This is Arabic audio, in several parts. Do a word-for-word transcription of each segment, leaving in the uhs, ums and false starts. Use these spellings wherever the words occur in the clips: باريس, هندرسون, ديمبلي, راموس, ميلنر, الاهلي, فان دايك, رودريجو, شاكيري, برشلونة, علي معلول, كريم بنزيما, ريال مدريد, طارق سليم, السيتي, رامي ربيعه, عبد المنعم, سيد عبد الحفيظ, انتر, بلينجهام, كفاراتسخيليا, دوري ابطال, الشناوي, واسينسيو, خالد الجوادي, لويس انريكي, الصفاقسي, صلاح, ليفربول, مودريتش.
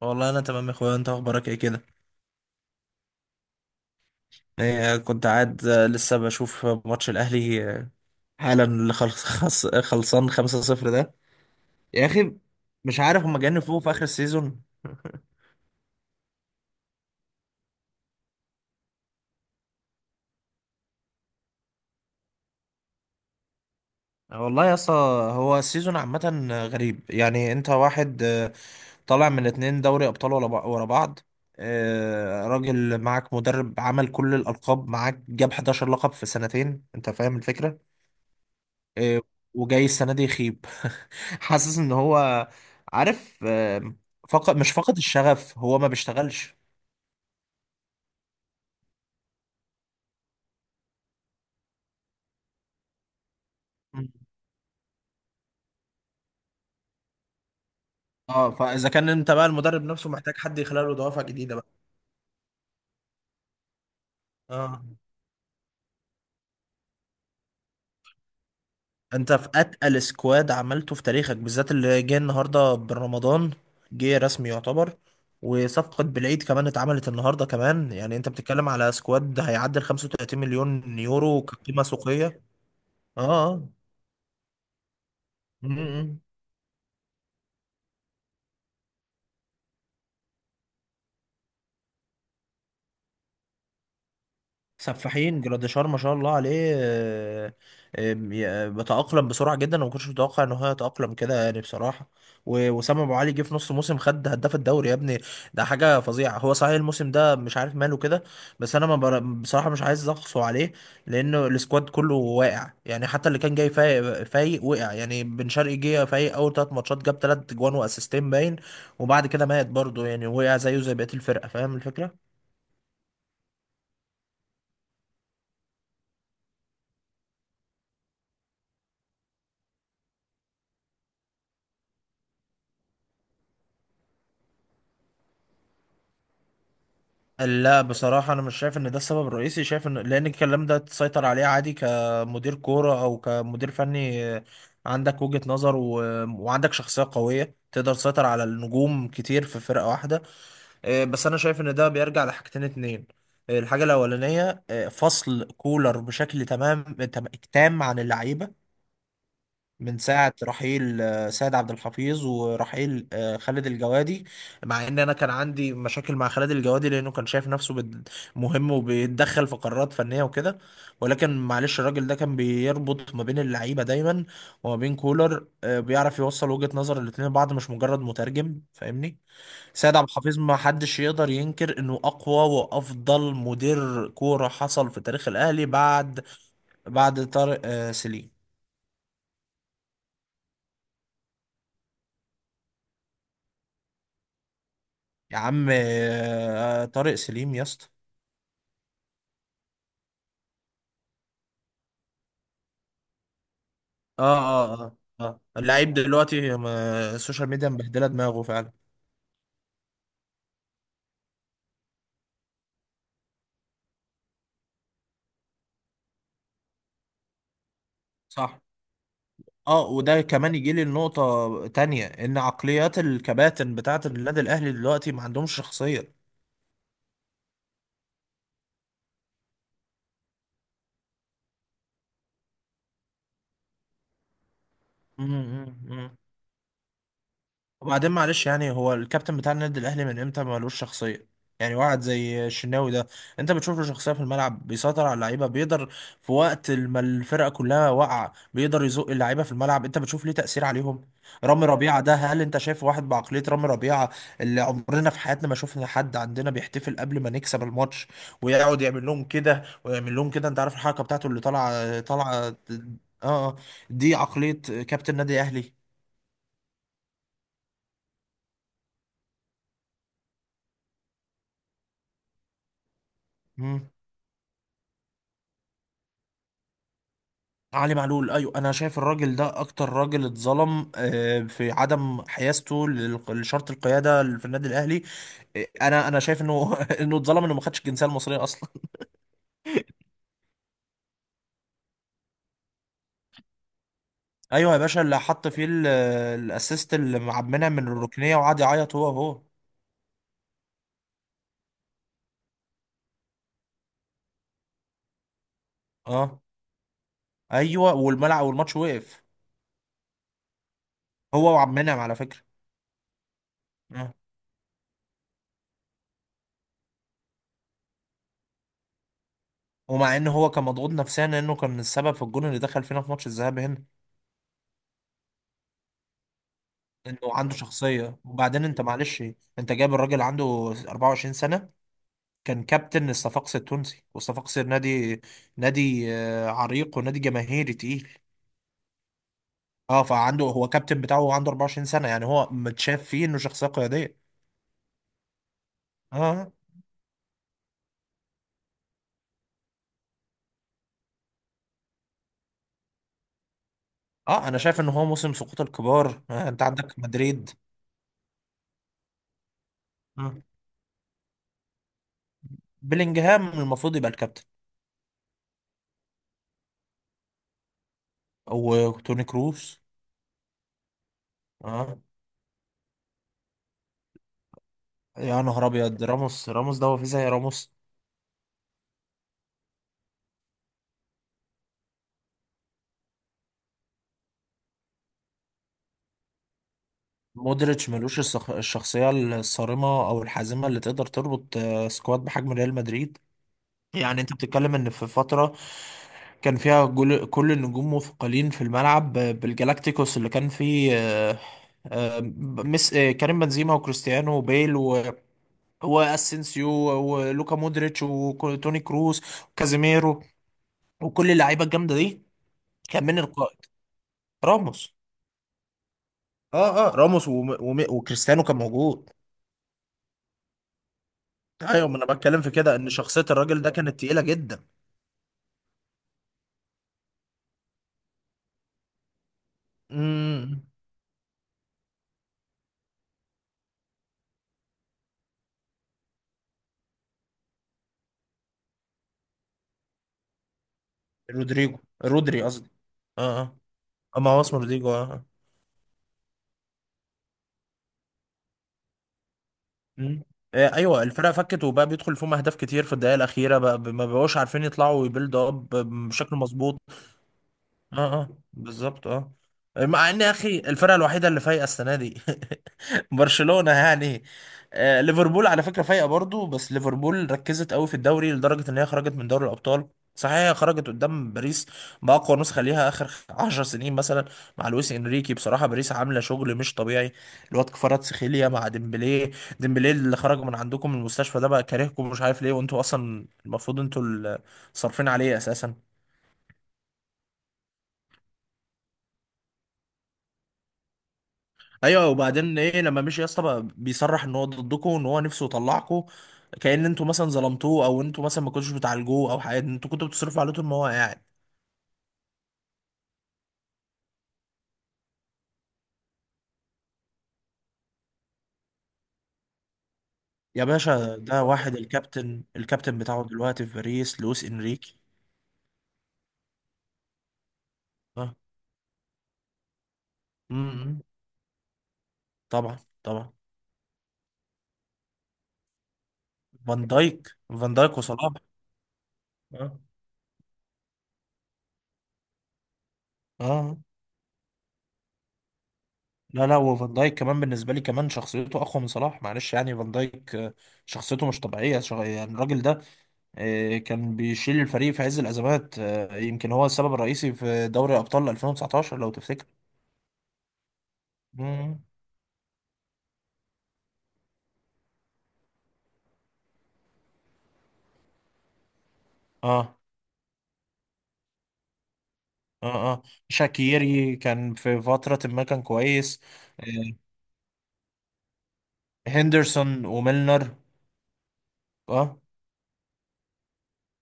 والله انا تمام يا اخويا، انت اخبارك ايه كده؟ إيه كنت قاعد، آه، لسه بشوف ماتش الاهلي. آه، حالا اللي خلص خلص- خلصان خمسة صفر ده. يا اخي، مش عارف هما جنفوه في اخر السيزون. والله يا اسطى، هو السيزون عامة غريب، يعني انت واحد آه، طالع من اتنين دوري ابطال ولا بع- ورا بعض. آه، راجل، معاك مدرب عمل كل الالقاب معاك، جاب حداشر لقب في سنتين، انت فاهم الفكرة. آه، وجاي السنة دي يخيب. حاسس ان هو عارف. آه، فقد مش فقد الشغف، هو ما بيشتغلش. مم. اه، فاذا كان انت بقى المدرب نفسه محتاج حد يخلق له دوافع جديدة بقى. اه، انت في اتقل سكواد عملته في تاريخك، بالذات اللي جه النهارده بالرمضان، جه رسمي يعتبر. وصفقة بالعيد كمان اتعملت النهارده كمان، يعني انت بتتكلم على سكواد هيعدي ال خمسة وتلاتين مليون يورو كقيمة سوقية. اه. اه. مم. سفاحين جراديشار، ما شاء الله عليه. آه، آه، ي- بيتأقلم بسرعة جدا، وما كنتش متوقع ان هو يتأقلم كده يعني بصراحة. و- وسام ابو علي جه في نص موسم، خد هداف الدوري يا ابني. ده حاجة فظيعة. هو صحيح الموسم ده مش عارف ماله كده. بس انا ما بر... بصراحة مش عايز اقصه عليه، لانه السكواد كله واقع، يعني حتى اللي كان جاي فايق فايق وقع. يعني بن شرقي جه فايق، اول ثلاث ماتشات جاب ثلاث جوان واسيستين باين، وبعد كده مات برضه، يعني وقع زيه زي بقية الفرقة. فاهم الفكرة؟ لا، بصراحة أنا مش شايف إن ده السبب الرئيسي. شايف إن، لأن الكلام ده تسيطر عليه عادي كمدير كورة أو كمدير فني، آه، عندك وجهة نظر، و... وعندك شخصية قوية تقدر تسيطر على النجوم كتير في فرقة واحدة. آه، بس أنا شايف إن ده بيرجع لحاجتين اتنين. آه، الحاجة الأولانية آه، فصل كولر بشكل تمام تم- تام عن اللعيبة، من ساعة رحيل آه، سيد عبد الحفيظ، ورحيل آه، خالد الجوادي. مع ان انا كان عندي مشاكل مع خالد الجوادي، لانه كان شايف نفسه بد- مهم وبيتدخل في قرارات فنية وكده. ولكن معلش، الراجل ده كان بيربط ما بين اللعيبة دايما وما بين كولر، آه، بيعرف يوصل وجهة نظر الاتنين لبعض، مش مجرد مترجم. فاهمني؟ سيد عبد الحفيظ ما حدش يقدر ينكر انه اقوى وافضل مدير كورة حصل في تاريخ الاهلي، بعد بعد طارق آه، سليم. يا عم، آه، طارق سليم يا اسطى. اه، اه، اه، اه، اللعيب دلوقتي، ما- السوشيال ميديا مبهدله دماغه فعلا. صح. اه، وده كمان يجي لي النقطة تانية، ان عقليات الكباتن بتاعة النادي الاهلي دلوقتي ما عندهمش شخصية. مم، مم، مم. وبعدين معلش، يعني هو الكابتن بتاع النادي الاهلي من امتى مالوش شخصيه؟ يعني واحد زي الشناوي ده، انت بتشوف له شخصيه في الملعب، بيسيطر على اللعيبه، بيقدر في وقت ما الفرقه كلها واقعه، بيقدر يزق اللعيبه في الملعب. انت بتشوف ليه تاثير عليهم. رامي ربيعه ده، هل انت شايف واحد بعقليه رامي ربيعه؟ اللي عمرنا في حياتنا ما شفنا حد عندنا بيحتفل قبل ما نكسب الماتش، ويقعد يعمل لهم كده ويعمل لهم كده. انت عارف الحركه بتاعته اللي طالعه طالعه، اه. آه. دي عقليه كابتن نادي اهلي. علي معلول، ايوه، انا شايف الراجل ده اكتر راجل اتظلم، آه، في عدم حيازته لل- لشرط القياده في النادي الاهلي. آه، انا انا شايف انه انه اتظلم، انه ما خدش الجنسيه المصريه اصلا. ايوه يا باشا، اللي حط فيه ال- الاسيست اللي مع عبد المنعم من الركنيه، وقعد يعيط هو، هو. اه. ايوه، والملعب والماتش وقف. هو وعبد المنعم على فكره. آه. ومع ان هو كان مضغوط نفسيا، لانه كان السبب في الجون اللي دخل فينا في ماتش الذهاب هنا. انه عنده شخصيه. وبعدين انت معلش، انت جايب الراجل عنده اربعة وعشرين سنه، كان كابتن الصفاقسي التونسي، والصفاقسي نادي نادي آه، عريق، ونادي جماهيري تقيل. اه، فعنده هو كابتن بتاعه، وعنده اربعة وعشرين سنة. يعني هو متشاف فيه انه شخصية قيادية. اه. اه. انا شايف ان هو موسم سقوط الكبار. آه، انت عندك مدريد. آه. بلينجهام المفروض يبقى الكابتن. وتوني كروس. اه، يا نهار ابيض، راموس! راموس ده هو في زي راموس؟ مودريتش ملوش الصخ- الشخصية الصارمة او الحازمة اللي تقدر تربط آه، سكواد بحجم ريال مدريد. يعني انت بتتكلم ان في فترة كان فيها جل- كل النجوم مثقلين في الملعب ب- بالجالاكتيكوس اللي كان فيه، آه، آه، ب- مس آه، كريم بنزيما وكريستيانو وبيل و- واسينسيو، ولوكا مودريتش، وتوني كروس، وكازيميرو، وكل اللعيبة الجامدة دي. كان من القائد، راموس. اه. اه. راموس وم... وم... وكريستيانو كان موجود. ايوه، ما انا بتكلم في كده، ان شخصية الراجل ده كانت تقيلة جدا. امم. رودريجو. رودري قصدي. اه. اه. اما هو اسمه رودريجو. آه. مم. آه، ايوه الفرقه فكت، وبقى بيدخل فيهم اهداف كتير في الدقائق الاخيره، بقى ما بقوش عارفين يطلعوا ويبيلد اب بشكل مظبوط. اه. اه. بالظبط. اه. مع ان يا اخي، الفرقه الوحيده اللي فايقه السنه دي برشلونه يعني. آه، ليفربول على فكره فايقه برضو، بس ليفربول ركزت قوي في الدوري، لدرجه ان هي خرجت من دوري الابطال. صحيح هي خرجت قدام باريس باقوى نسخه ليها اخر عشر سنين مثلا. مع لويس انريكي، بصراحه باريس عامله شغل مش طبيعي. الواد كفاراتسخيليا مع ديمبلي. ديمبلي اللي خرج من عندكم من المستشفى ده، بقى كارهكم مش عارف ليه، وانتوا اصلا المفروض انتوا اللي صارفين عليه اساسا. ايوه، وبعدين ايه لما مشي يا اسطى بقى بيصرح ان هو ضدكم، ان هو نفسه يطلعكم؟ كأن انتوا مثلا ظلمتوه، او انتوا مثلا ما كنتوش بتعالجوه او حاجه، انتوا كنتوا بتصرفوا عليه طول ما هو قاعد. يا باشا ده واحد، الكابتن الكابتن بتاعه دلوقتي في باريس لويس انريكي. اه. امم. طبعا. طبعا. فان دايك. فان دايك وصلاح. اه. اه لا، لا، وفان دايك كمان بالنسبه لي كمان، شخصيته اقوى من صلاح معلش، يعني فان دايك آه، شخصيته مش طبيعيه. شغ... يعني الراجل ده آه، كان بيشيل الفريق في عز الأزمات. آه، يمكن هو السبب الرئيسي في دوري أبطال الفين وتسعتاشر لو تفتكر. مم. اه. اه. اه. شاكيري كان في فترة ما كان كويس. آه، هندرسون وميلنر. اه.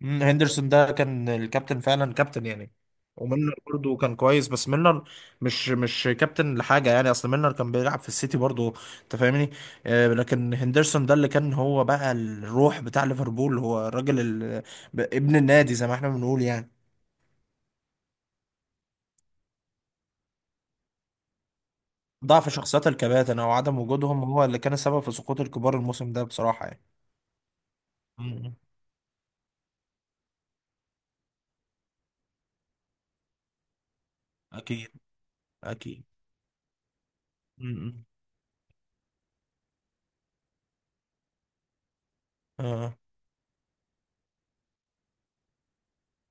مم، هندرسون ده كان الكابتن فعلا، كابتن يعني. وميلنر برضه كان كويس. بس ميلنر مش مش كابتن لحاجه، يعني اصل ميلنر كان بيلعب في السيتي برضه، انت فاهمني؟ آه، لكن هندرسون ده اللي كان هو بقى الروح بتاع ليفربول، هو الراجل ال- ب- ابن النادي زي ما احنا بنقول يعني. ضعف شخصيات الكباتن او عدم وجودهم هو اللي كان السبب في سقوط الكبار الموسم ده، بصراحه يعني. مم. اكيد. اكيد. مم. آه.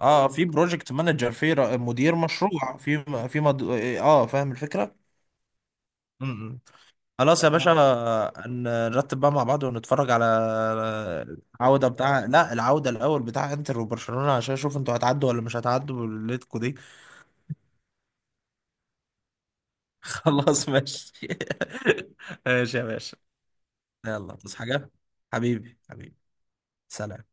اه، في بروجكت مانجر، في ر- مدير مشروع، في م- في مد... اه، فاهم الفكرة. امم. خلاص يا باشا. ن- نرتب بقى مع بعض، ونتفرج على العودة بتاع لا، العودة الأول بتاع انتر وبرشلونة، عشان اشوف انتوا هتعدوا ولا مش هتعدوا بالليتكو دي. خلاص ماشي. ماشي يا باشا. يلا تصحى حاجة، حبيبي، حبيبي. سلام.